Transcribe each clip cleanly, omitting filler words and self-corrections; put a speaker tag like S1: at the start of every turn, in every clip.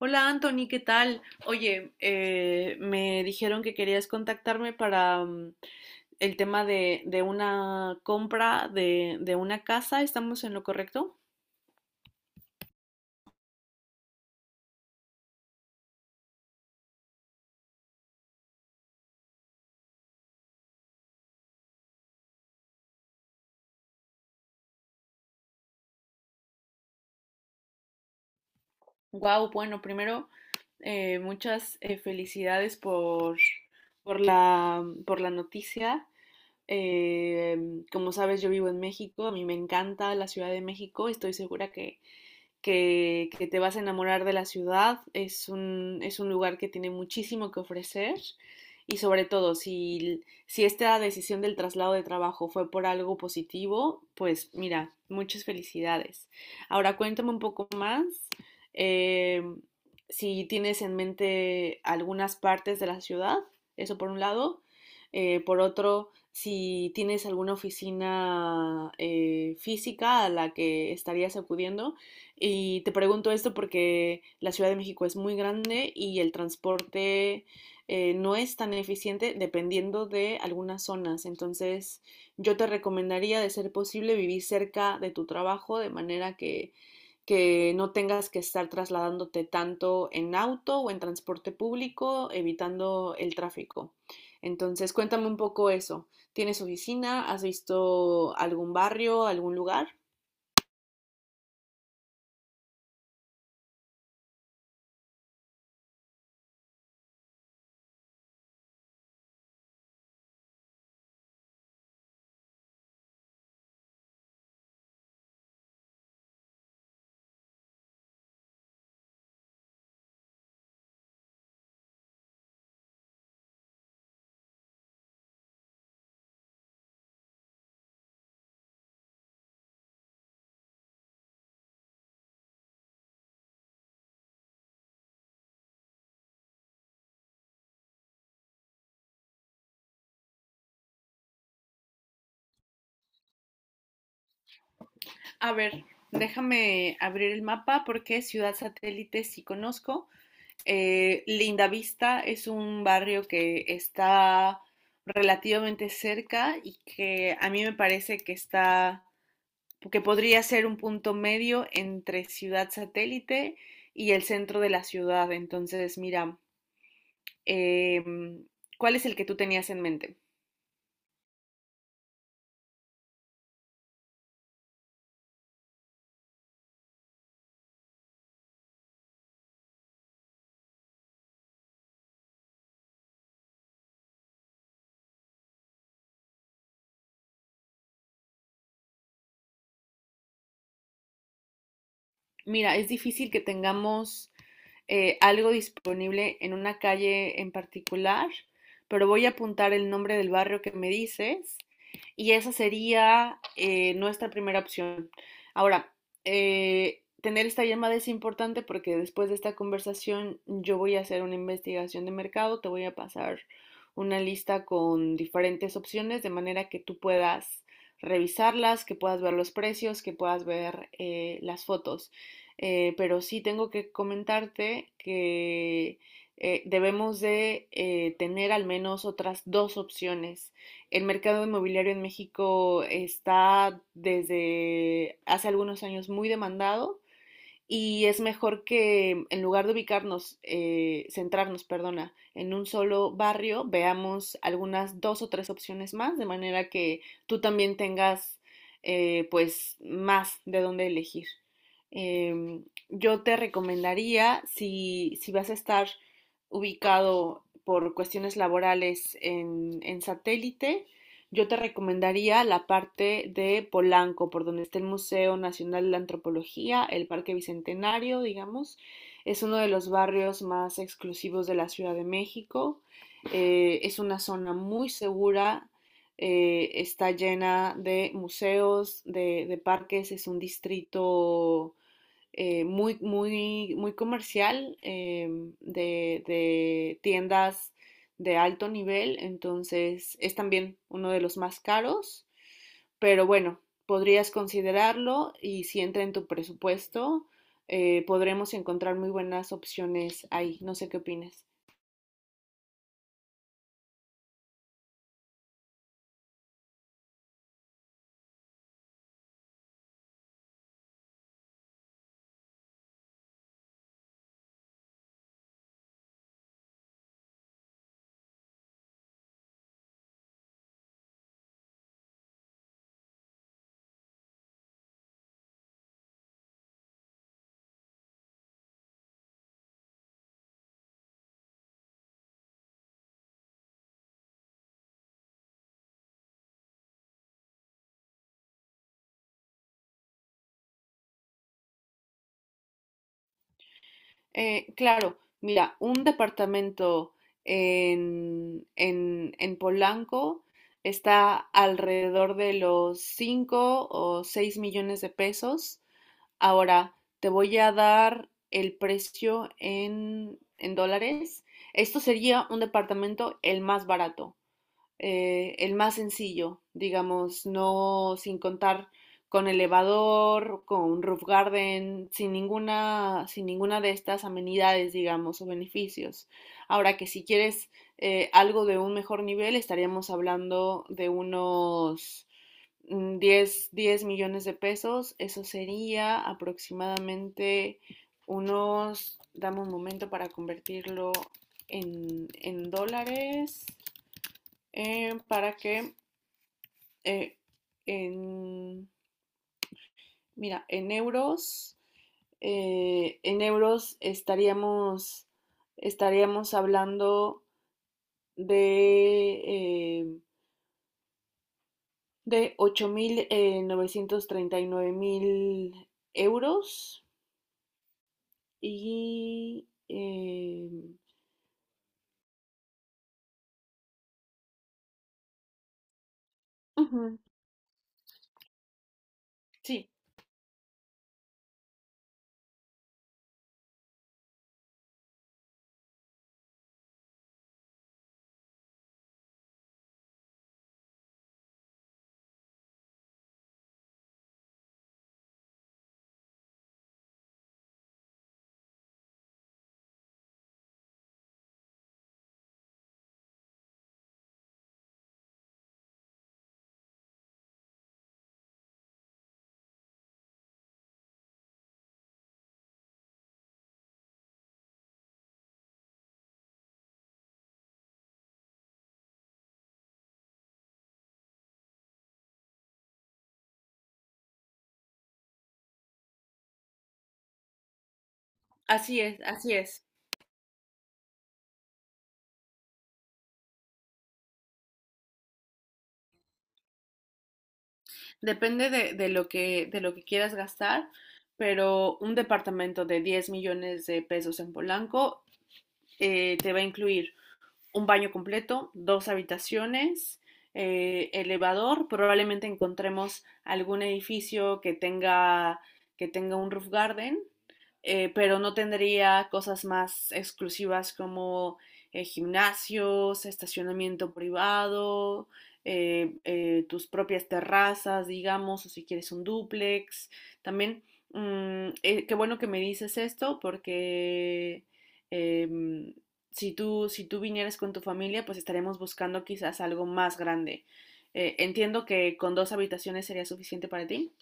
S1: Hola Anthony, ¿qué tal? Oye, me dijeron que querías contactarme para el tema de una compra de una casa. ¿Estamos en lo correcto? Wow, bueno, primero, muchas felicidades por, por la noticia. Como sabes, yo vivo en México, a mí me encanta la Ciudad de México, estoy segura que te vas a enamorar de la ciudad. Es un lugar que tiene muchísimo que ofrecer y sobre todo si esta decisión del traslado de trabajo fue por algo positivo, pues mira, muchas felicidades. Ahora cuéntame un poco más. eh, si tienes en mente algunas partes de la ciudad, eso por un lado. Por otro, si tienes alguna oficina física a la que estarías acudiendo. Y te pregunto esto porque la Ciudad de México es muy grande y el transporte no es tan eficiente dependiendo de algunas zonas. Entonces, yo te recomendaría, de ser posible, vivir cerca de tu trabajo de manera que no tengas que estar trasladándote tanto en auto o en transporte público, evitando el tráfico. Entonces, cuéntame un poco eso. ¿Tienes oficina? ¿Has visto algún barrio, algún lugar? A ver, déjame abrir el mapa porque Ciudad Satélite sí conozco. Linda Vista es un barrio que está relativamente cerca y que a mí me parece que está, que podría ser un punto medio entre Ciudad Satélite y el centro de la ciudad. Entonces, mira, eh, ¿cuál es el que tú tenías en mente? Mira, es difícil que tengamos algo disponible en una calle en particular, pero voy a apuntar el nombre del barrio que me dices y esa sería nuestra primera opción. Ahora, tener esta llamada es importante porque después de esta conversación yo voy a hacer una investigación de mercado, te voy a pasar una lista con diferentes opciones de manera que tú puedas revisarlas, que puedas ver los precios, que puedas ver las fotos. Pero sí tengo que comentarte que debemos de tener al menos otras 2 opciones. El mercado inmobiliario en México está desde hace algunos años muy demandado y es mejor que en lugar de ubicarnos, centrarnos, perdona, en un solo barrio, veamos algunas 2 o 3 opciones más, de manera que tú también tengas pues más de dónde elegir. Yo te recomendaría, si vas a estar ubicado por cuestiones laborales en satélite, yo te recomendaría la parte de Polanco, por donde está el Museo Nacional de Antropología, el Parque Bicentenario, digamos. Es uno de los barrios más exclusivos de la Ciudad de México. Es una zona muy segura, está llena de museos, de parques, es un distrito muy, muy, muy comercial, de tiendas de alto nivel, entonces es también uno de los más caros, pero bueno, podrías considerarlo y si entra en tu presupuesto, podremos encontrar muy buenas opciones ahí. No sé qué opinas. Claro, mira, un departamento en Polanco está alrededor de los 5 o 6 millones de pesos. Ahora, te voy a dar el precio en dólares. Esto sería un departamento el más barato, el más sencillo, digamos, no sin contar con elevador, con roof garden, sin ninguna de estas amenidades, digamos, o beneficios. Ahora que si quieres algo de un mejor nivel, estaríamos hablando de unos 10 millones de pesos. Eso sería aproximadamente unos, dame un momento para convertirlo en dólares eh, para que eh, en, mira, en euros estaríamos, estaríamos hablando de, eh, de 8.939.000 euros y... eh, ujú, sí, así es, así es. Depende de lo de lo que quieras gastar, pero un departamento de 10 millones de pesos en Polanco te va a incluir un baño completo, 2 habitaciones, elevador. Probablemente encontremos algún edificio que tenga un roof garden, pero no tendría cosas más exclusivas como gimnasios, estacionamiento privado, tus propias terrazas, digamos, o si quieres un dúplex. También, qué bueno que me dices esto porque, em, si tú vinieras con tu familia, pues estaremos buscando quizás algo más grande. Entiendo que con 2 habitaciones sería suficiente para ti.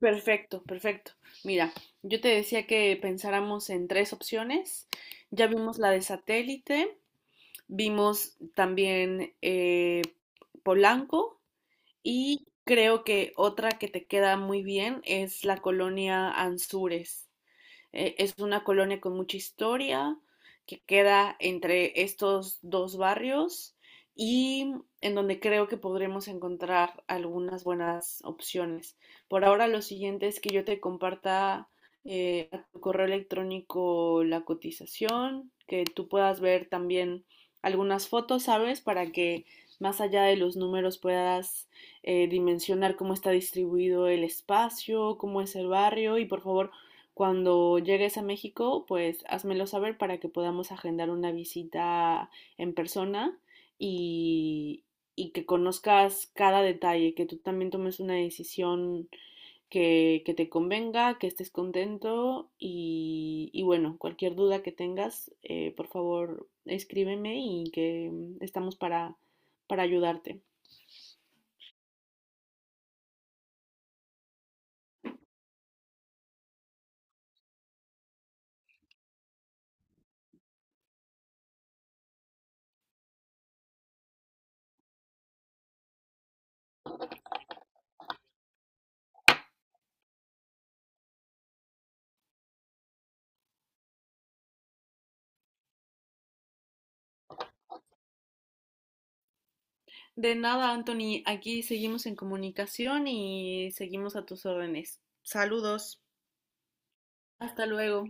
S1: Perfecto, perfecto. Mira, yo te decía que pensáramos en 3 opciones. Ya vimos la de satélite, vimos también Polanco, y creo que otra que te queda muy bien es la colonia Anzures. Es una colonia con mucha historia que queda entre estos 2 barrios y en donde creo que podremos encontrar algunas buenas opciones. Por ahora lo siguiente es que yo te comparta a tu correo electrónico la cotización, que tú puedas ver también algunas fotos, ¿sabes? Para que más allá de los números puedas dimensionar cómo está distribuido el espacio, cómo es el barrio, y por favor cuando llegues a México, pues házmelo saber para que podamos agendar una visita en persona y, y que conozcas cada detalle, que tú también tomes una decisión que te convenga, que estés contento y bueno, cualquier duda que tengas, por favor escríbeme y que estamos para ayudarte. De nada, Anthony, aquí seguimos en comunicación y seguimos a tus órdenes. Saludos. Hasta luego.